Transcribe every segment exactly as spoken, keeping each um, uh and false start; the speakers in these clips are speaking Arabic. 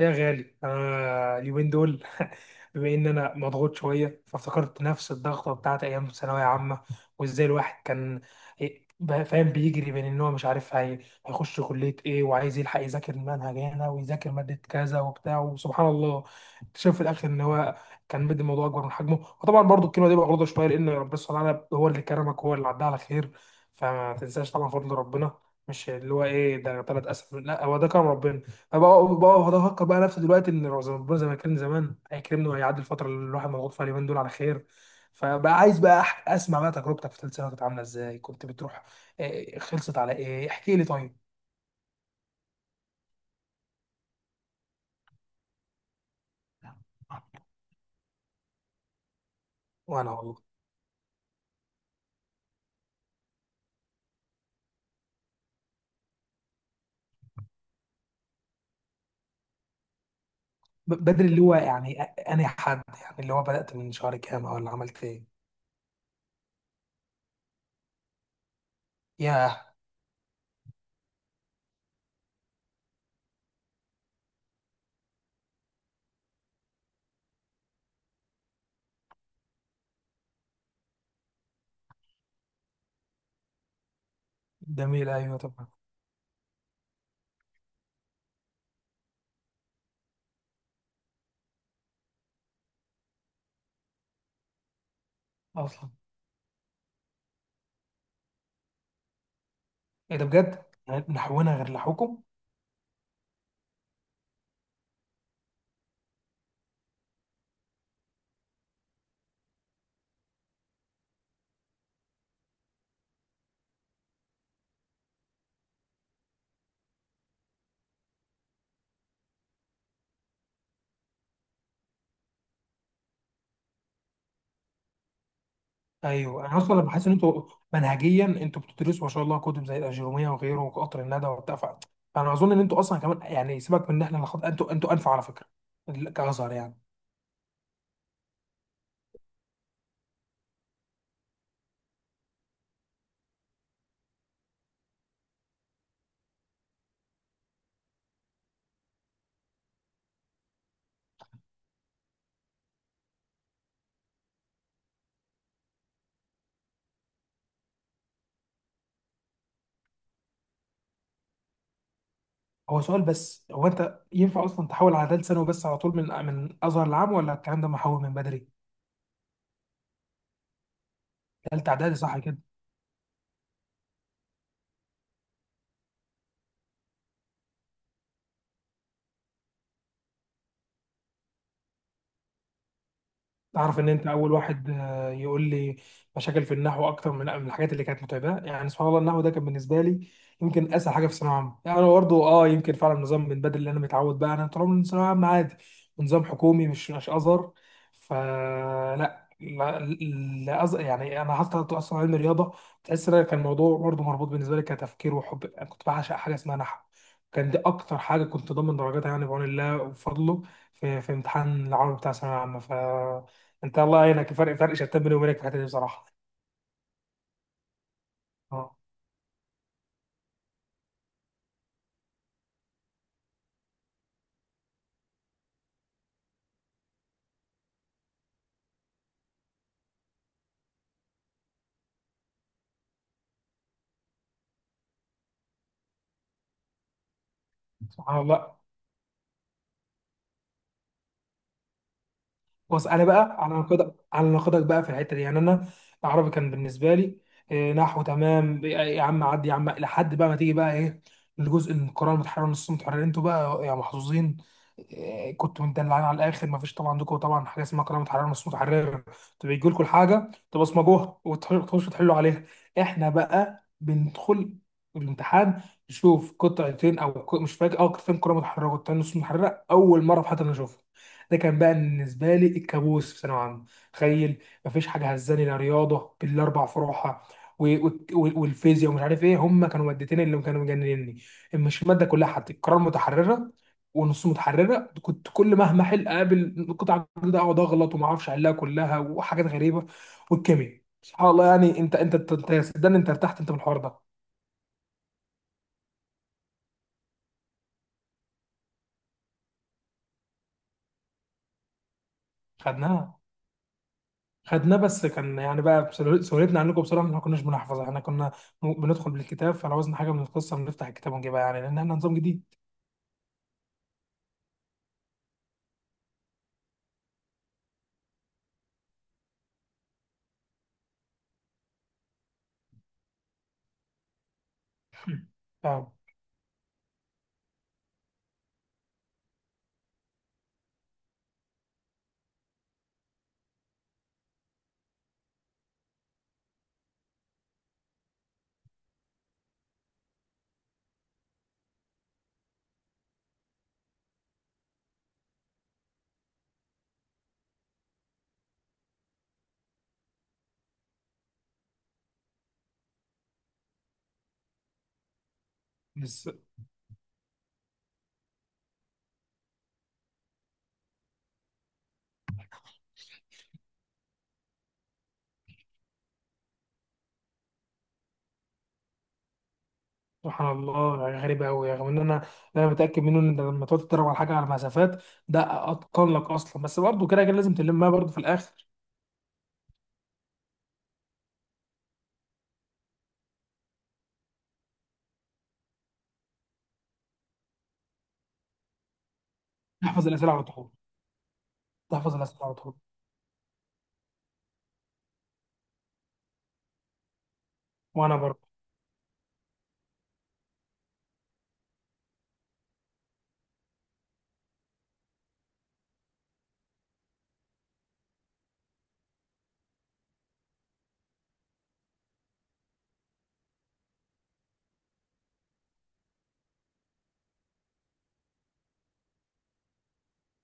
يا غالي انا اليومين دول بما ان انا مضغوط شويه فافتكرت نفس الضغطه بتاعت ايام ثانويه عامه وازاي الواحد كان إيه، ب- فاهم بيجري بين ان هو مش عارف هي- هيخش كليه ايه وعايز يلحق يذاكر منهج هنا ويذاكر ماده كذا وبتاع. وسبحان الله اكتشف في الاخر ان هو كان مدي الموضوع اكبر من حجمه. وطبعا برضو الكلمه دي مغلوطه شويه لان ربنا سبحانه وتعالى هو اللي كرمك، هو اللي عدى على خير. فما تنساش طبعا فضل ربنا، مش اللي هو ايه ده ثلاث اسف، لا هو ده كرم ربنا. بقعد بقعد افكر بقى نفسي دلوقتي ان ربنا زي ما كان زمان هيكرمني وهيعدي الفتره اللي الواحد مضغوط فيها اليومين دول على خير. فبقى عايز بقى أح- اسمع بقى تجربتك في ثالث سنه كانت عامله ازاي، كنت بتروح. آه، آه، خلصت على ايه احكي لي طيب. وانا والله ب- بدري اللي هو يعني، أ- انا حد يعني اللي هو بدات من شهر كام ولا عملت ايه؟ ياه. جميل ايوه طبعا، اصلا ايه ده بجد، نحونا غير لحوكم. ايوه انا اصلا بحس ان انتوا منهجيا انتوا بتدرسوا ما شاء الله كتب زي الاجروميه وغيره وقطر الندى وبتاع. ف- فانا اظن ان انتوا اصلا كمان، يعني سيبك من ان احنا اللي خد... انتوا انتوا انفع على فكره، ال- كازهر يعني. هو سؤال بس، هو انت ينفع اصلا تحول على ثالث ثانوي بس على طول من من ازهر العام ولا الكلام ده محول من بدري؟ ثالثه اعدادي، صح. تعرف ان انت اول واحد آه، يقول لي مشاكل في النحو اكتر من من الحاجات اللي كانت متعبه. يعني سبحان الله، النحو ده كان بالنسبه لي يمكن اسهل حاجه في الثانويه العامه. يعني انا برضه اه يمكن فعلا نظام من بدري اللي انا متعود بقى، انا طول عمري من ثانويه عامه عادي ونظام حكومي مش مش ازهر. فلا لا لا أز... يعني انا حتى اصلا علم رياضه، تحس ان أنا كان الموضوع برضه مربوط بالنسبه لي كتفكير وحب. انا كنت بعشق حاجه اسمها نحو، كان دي اكتر حاجه كنت ضامن درجاتها يعني بعون الله وفضله، في في امتحان العربي بتاع ثانويه عامه. انت الله يعينك، فرق، فرق شتان بيني وبينك في الحته دي بصراحه. اه سبحان الله. بص انا بقى على نقدك على نقدك بقى في الحته دي، يعني انا العربي كان بالنسبه لي آه، نحو تمام يا يا عم، عدي يا عم لحد بقى ما تيجي بقى ايه الجزء، القراءه المتحرره، نص متحرر. انتوا بقى يا محظوظين، آه، كنتوا مدلعين على الاخر. ما فيش طبعا عندكم طبعا حاجه اسمها قراءه متحرره نص متحرر، تبقى يجي لكم الحاجه تبصمجوها وتخشوا تحلوا عليها. احنا بقى بندخل الامتحان نشوف قطعتين او ك- مش فاكر، اه قطعتين قراءه متحرره وقطعتين نص متحرره اول مره في حياتنا نشوفها. ده كان بقى بالنسبه لي الكابوس في ثانويه عامه. تخيل، مفيش حاجه هزاني، لا رياضه بالاربع فروعها و- وال- وال- والفيزياء ومش عارف ايه، هم كانوا مادتين اللي كانوا مجننني. مش الماده كلها، حتى القراءه المتحرره ونص متحرره كنت كل مهما احل اقابل قطعه جديده اقعد اغلط وما اعرفش احلها كلها، وحاجات غريبه. والكيمياء سبحان الله، يعني انت انت انت أنت- صدقني انت ارتحت انت من الحوار ده. خدناها خدناه بس كان يعني بقى بسهول- سهولتنا عنكم بصراحه إن احنا ما كناش بنحفظ، احنا كنا م- بندخل بالكتاب، فلو عاوزنا حاجه من القصه بنفتح الكتاب ونجيبها، يعني لان احنا نظام جديد. فاهم، بس. سبحان الله يعني غريبه قوي، رغم ان انا انا متاكد منه ان لما تقعد تتدرب على حاجه على مسافات ده اتقن لك اصلا، بس برضه كده كده لازم تلمها برضه في الاخر. تحفظ الاسئله على طول، تحفظ الاسئله على طول. وانا برضه.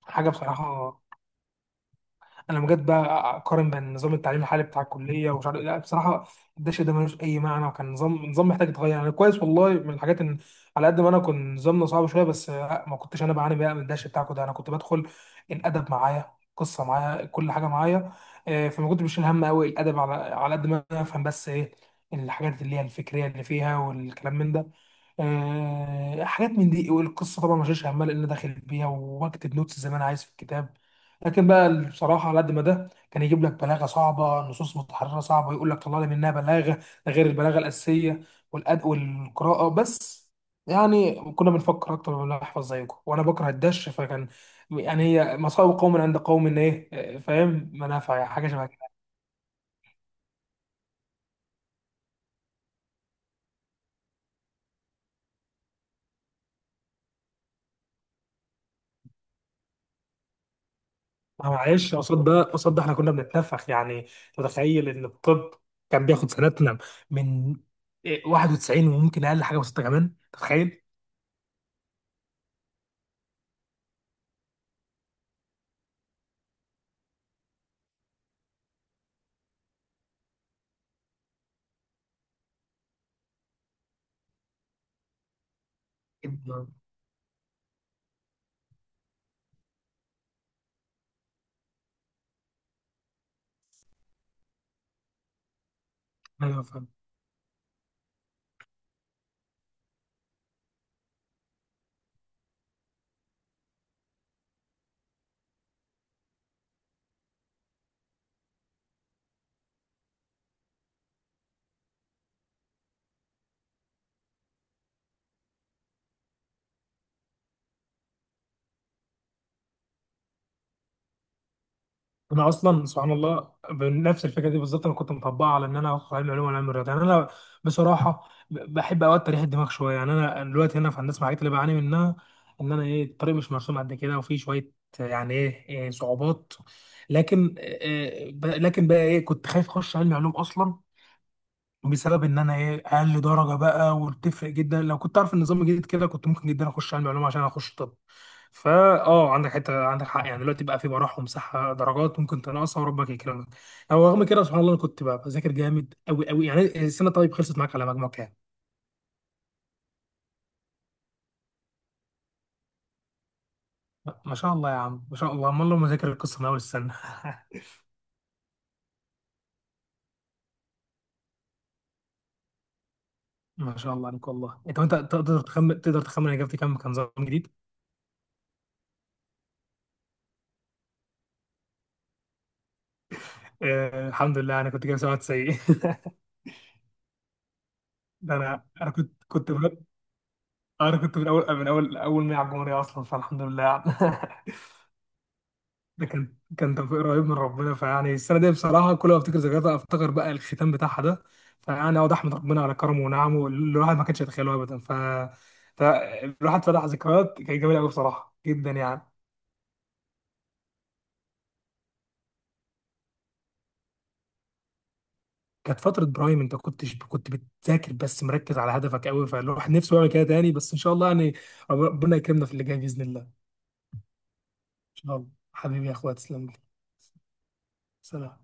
حاجه بصراحه انا بجد بقى اقارن بين نظام التعليم الحالي بتاع الكليه ومش عارف إيه، لا بصراحه الدش ده ملوش اي معنى، وكان نظام نظام محتاج يتغير يعني كويس والله. من الحاجات ان على قد ما انا كنت نظامنا صعب شويه بس آه، ما كنتش انا بعاني بقى من الدش بتاعكم ده، انا كنت بدخل الادب معايا، القصه معايا، كل حاجه معايا. آه، فما كنتش بشيل هم قوي الادب، على على قد ما انا افهم بس ايه الحاجات اللي هي الفكريه اللي فيها والكلام من ده. آه، حاجات من دي. والقصه طبعا ما شيلش همها لان داخل بيها وبكتب نوتس زي ما انا عايز في الكتاب. لكن بقى بصراحه على قد ما ده كان يجيب لك بلاغه صعبه، نصوص متحرره صعبه، يقول لك طلع لي منها بلاغه، ده غير البلاغه الاساسيه والأد والقراءه بس. يعني كنا بنفكر اكتر من نحفظ زيكم، وانا بكره الدش فكان يعني هي مصائب قوم عند قوم، ان ايه آه، فاهم، منافع حاجه شبه. ما معلش قصاد ده قصاد ده احنا كنا بنتنفخ يعني. متخيل ان الطب كان بياخد سنتنا من إيه واحد وتسعين وممكن اقل حاجه بسيطه كمان، تتخيل؟ جداً. ايوه فاهم. انا اصلا سبحان الله بنفس الفكره دي بالظبط، انا كنت مطبقها على ان انا اخد علم علوم ولا علم رياضه يعني. انا بصراحه ب- بحب اوقات تريح الدماغ شويه، يعني انا دلوقتي هنا في هندسه الحاجات اللي بعاني منها ان انا ايه الطريق مش مرسوم قد كده وفي شويه يعني ايه إيه صعوبات. لكن إيه إيه، ب- لكن بقى ايه كنت خايف اخش علم علوم اصلا بسبب ان انا ايه اقل درجه بقى، وبتفرق جدا. لو كنت اعرف النظام الجديد كده كنت ممكن جدا اخش علم علوم عشان اخش طب. فا اه عندك حته عندك حق يعني دلوقتي بقى في براح ومساحه درجات ممكن تنقصها وربك يكرمك. او رغم كده سبحان الله انا كنت بقى بذاكر جامد قوي قوي يعني السنه. طيب خلصت معاك على مجموع كام؟ ما شاء الله يا عم، ما شاء الله، امال لو مذاكر القصه من اول السنه. ما شاء الله عليك والله. انت وانت تقدر تخمن، تقدر تخمن أنا جبت كام؟ كان نظام جديد. آه الحمد لله، انا كنت جايب سبعة وتسعين. ده انا انا كنت كنت انا كنت من اول من اول اول مية على الجمهوريه اصلا، فالحمد لله يعني. ده كان كان توفيق رهيب من ربنا، فيعني السنه دي بصراحه كل ما افتكر ذكرياتها افتكر بقى الختام بتاعها ده، فيعني اقعد احمد ربنا على كرمه ونعمه اللي الواحد ما كانش يتخيله ابدا. ف ف- الواحد فتح ذكريات كانت جميله قوي بصراحه جدا يعني. كانت فتره برايم، انت كنتش كنت بتذاكر بس مركز على هدفك قوي، فالواحد نفسه يعمل كده تاني بس ان شاء الله يعني ربنا يكرمنا في اللي جاي باذن الله. ان شاء الله حبيبي يا اخويا، تسلم لي، سلام.